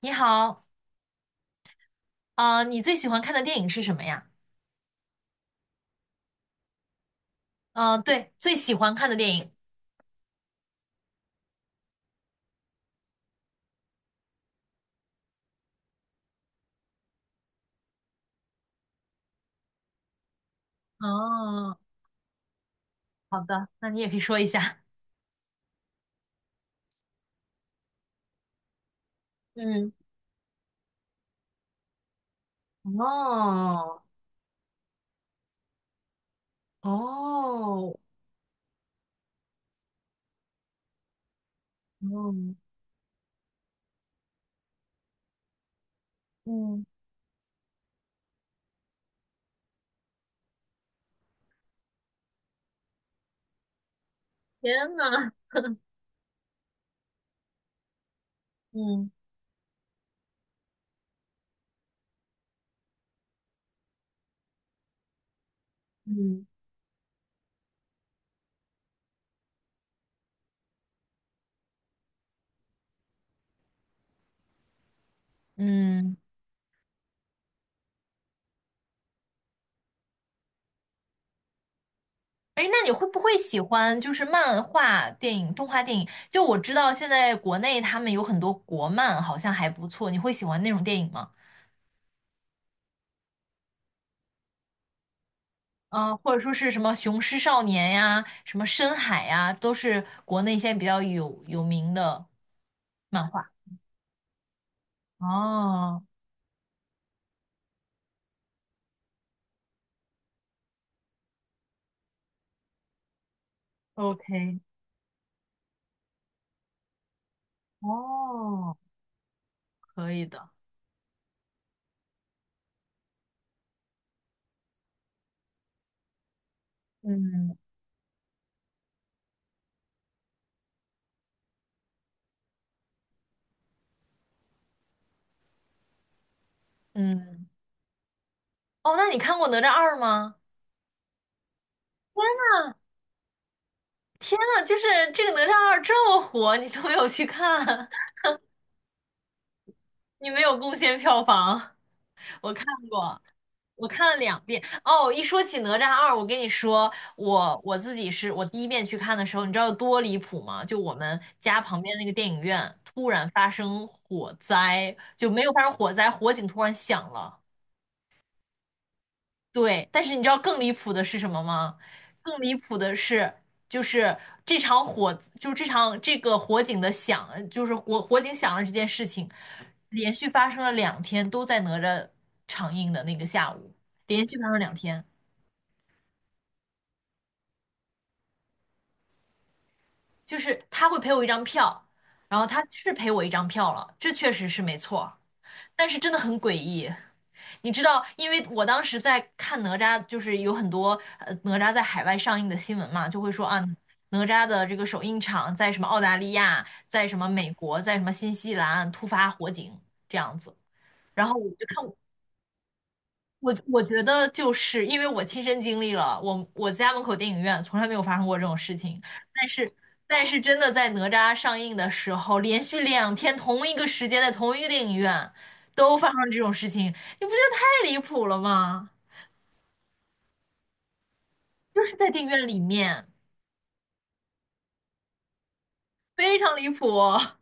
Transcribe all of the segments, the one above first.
你好，你最喜欢看的电影是什么呀？嗯，对，最喜欢看的电影。哦，好的，那你也可以说一下。嗯，哦，哦，嗯嗯，天呐，嗯嗯嗯，哎，那你会不会喜欢就是漫画电影、动画电影？就我知道现在国内他们有很多国漫，好像还不错。你会喜欢那种电影吗？嗯、或者说是什么《雄狮少年》呀，什么《深海》呀，都是国内现在比较有名的漫画。哦，OK,哦，可以的。嗯嗯，哦，那你看过《哪吒二》吗？天呐，就是这个《哪吒二》这么火，你都没有去看，你没有贡献票房。我看过，我看了两遍哦。一说起《哪吒二》，我跟你说，我自己是我第一遍去看的时候，你知道有多离谱吗？就我们家旁边那个电影院突然发生火灾，就没有发生火灾，火警突然响了。对，但是你知道更离谱的是什么吗？更离谱的是，就是这场火，就是这场这个火警的响，就是火警响了这件事情，连续发生了两天，都在哪吒上映的那个下午，连续发生了两天。就是他会赔我一张票，然后他是赔我一张票了，这确实是没错，但是真的很诡异。你知道，因为我当时在看哪吒，就是有很多哪吒在海外上映的新闻嘛，就会说啊，哪吒的这个首映场在什么澳大利亚，在什么美国，在什么新西兰突发火警这样子。然后我就看，我觉得就是因为我亲身经历了，我家门口电影院从来没有发生过这种事情，但是但是真的在哪吒上映的时候，连续两天同一个时间在同一个电影院都发生这种事情，你不觉得太离谱了吗？就是在电影院里面，非常离谱。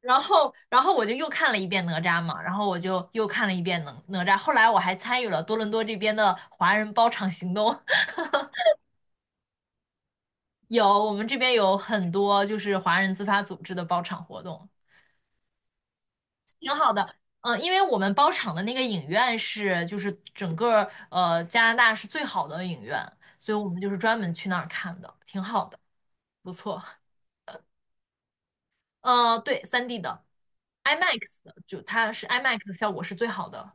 然后我就又看了一遍哪吒嘛，然后我就又看了一遍哪吒，后来我还参与了多伦多这边的华人包场行动。有，我们这边有很多就是华人自发组织的包场活动，挺好的。嗯，因为我们包场的那个影院是就是整个加拿大是最好的影院，所以我们就是专门去那儿看的，挺好的，不错。对三 d 的 IMAX 的，就它是 IMAX 的效果是最好的。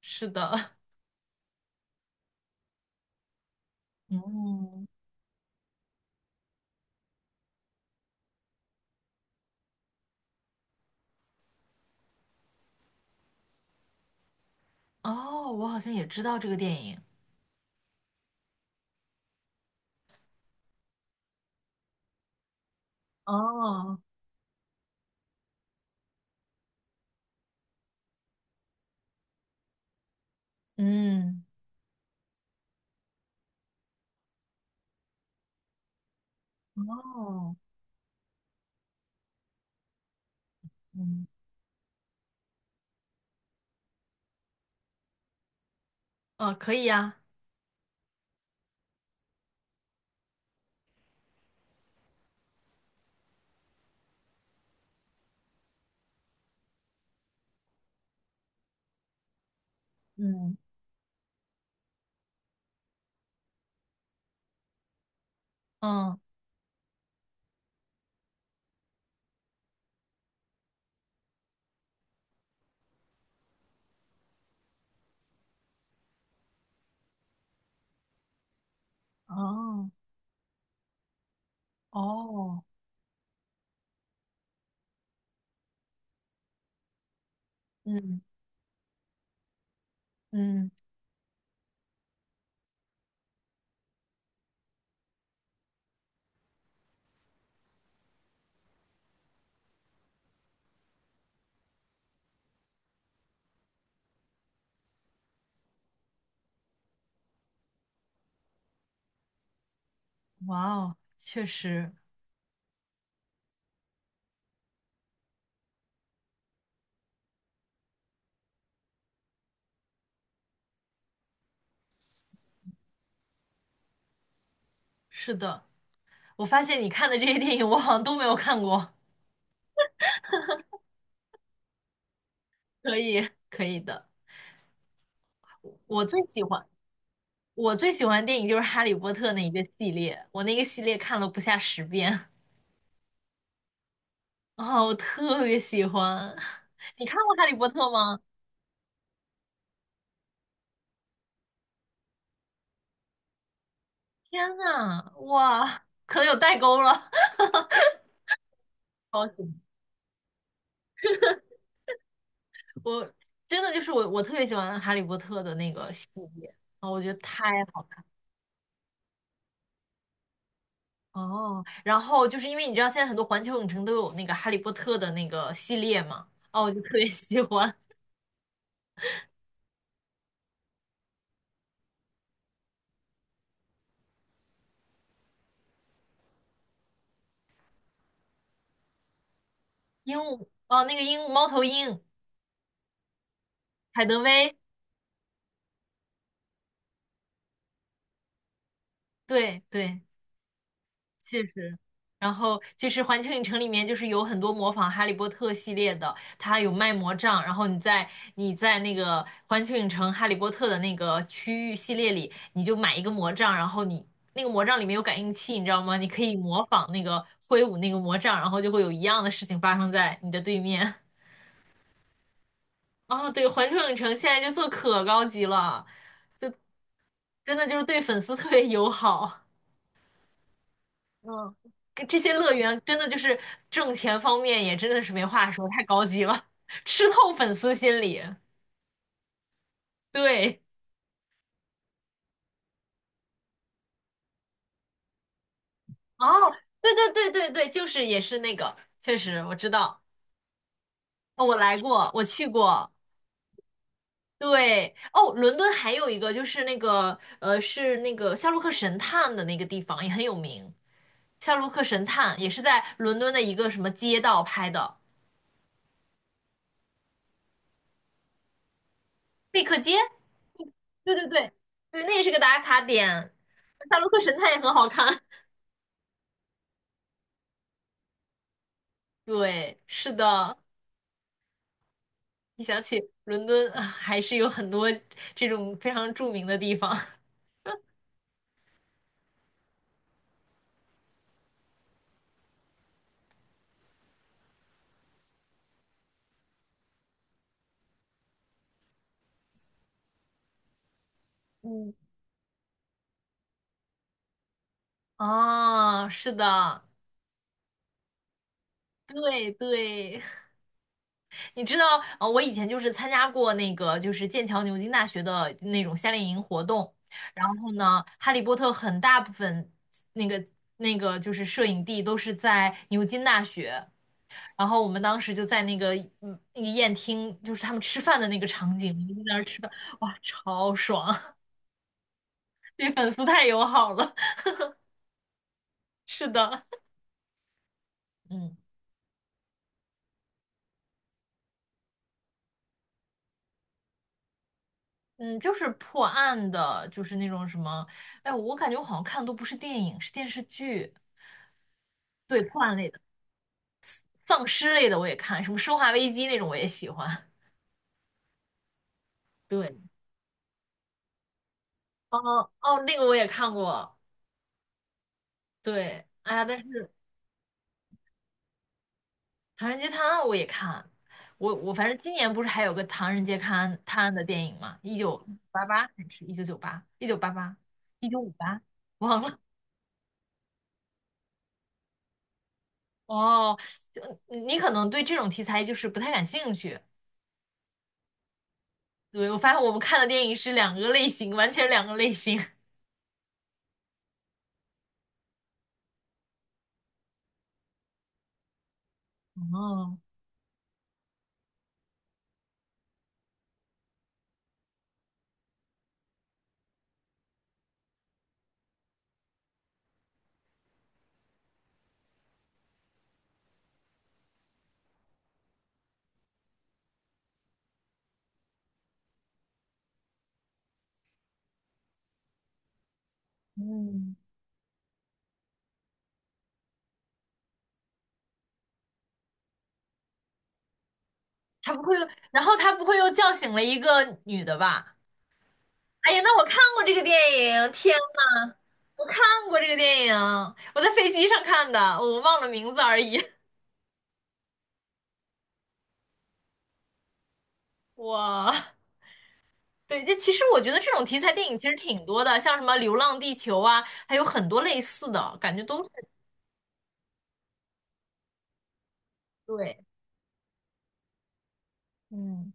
是的，嗯，哦，我好像也知道这个电影。哦，嗯，哦，嗯，可以呀，嗯。嗯，哦哦，嗯嗯，哇哦，确实是的。我发现你看的这些电影，我好像都没有看过。可以，可以的。我最喜欢我最喜欢的电影就是《哈利波特》那一个系列，我那个系列看了不下10遍。啊，我特别喜欢。你看过《哈利波特》吗？天呐，哇，可能有代沟了。好喜欢我真的就是我特别喜欢《哈利波特》的那个系列啊，我觉得太好。哦，然后就是因为你知道现在很多环球影城都有那个《哈利波特》的那个系列嘛，哦，我就特别喜欢鹦鹉，哦，那个鹦鹉猫头鹰，海德薇，对对，确实，然后就是环球影城里面就是有很多模仿《哈利波特》系列的，它有卖魔杖，然后你在那个环球影城《哈利波特》的那个区域系列里，你就买一个魔杖，然后你那个魔杖里面有感应器，你知道吗？你可以模仿那个挥舞那个魔杖，然后就会有一样的事情发生在你的对面。哦，对，环球影城现在就做可高级了，真的就是对粉丝特别友好。嗯，跟这些乐园真的就是挣钱方面也真的是没话说，太高级了，吃透粉丝心理。对，哦，对对对对对，就是也是那个，确实我知道，哦我来过，我去过。对，哦，伦敦还有一个就是那个，是那个夏洛克神探的那个地方也很有名，夏洛克神探也是在伦敦的一个什么街道拍的，贝克街。对对对，对，那也是个打卡点。夏洛克神探也很好看。对，是的，一想起伦敦，啊还是有很多这种非常著名的地方。嗯，哦，是的，对对，你知道，我以前就是参加过那个，就是剑桥牛津大学的那种夏令营活动，然后呢，《哈利波特》很大部分那个那个就是摄影地都是在牛津大学，然后我们当时就在那个那个宴厅，就是他们吃饭的那个场景，我们就在那儿吃饭，哇，超爽，对粉丝太友好了，是的。嗯嗯，就是破案的，就是那种什么，哎，我感觉我好像看的都不是电影，是电视剧。对，破案类的。丧尸类的我也看，什么《生化危机》那种我也喜欢。对，哦哦，那个我也看过。对，哎呀，但是《唐人街探案》我也看。我反正今年不是还有个《唐人街探案》探案的电影吗？一九八八还是1998？一九八八？1958？忘了。哦，你可能对这种题材就是不太感兴趣。对，我发现我们看的电影是两个类型，完全两个类型。哦，嗯。他不会又，然后他不会又叫醒了一个女的吧？哎呀，那我看过这个电影，天呐，我看过这个电影，我在飞机上看的，我忘了名字而已。哇，对，这其实我觉得这种题材电影其实挺多的，像什么《流浪地球》啊，还有很多类似的，感觉都是对。嗯，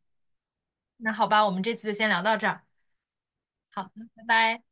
那好吧，我们这次就先聊到这儿。好的，拜拜。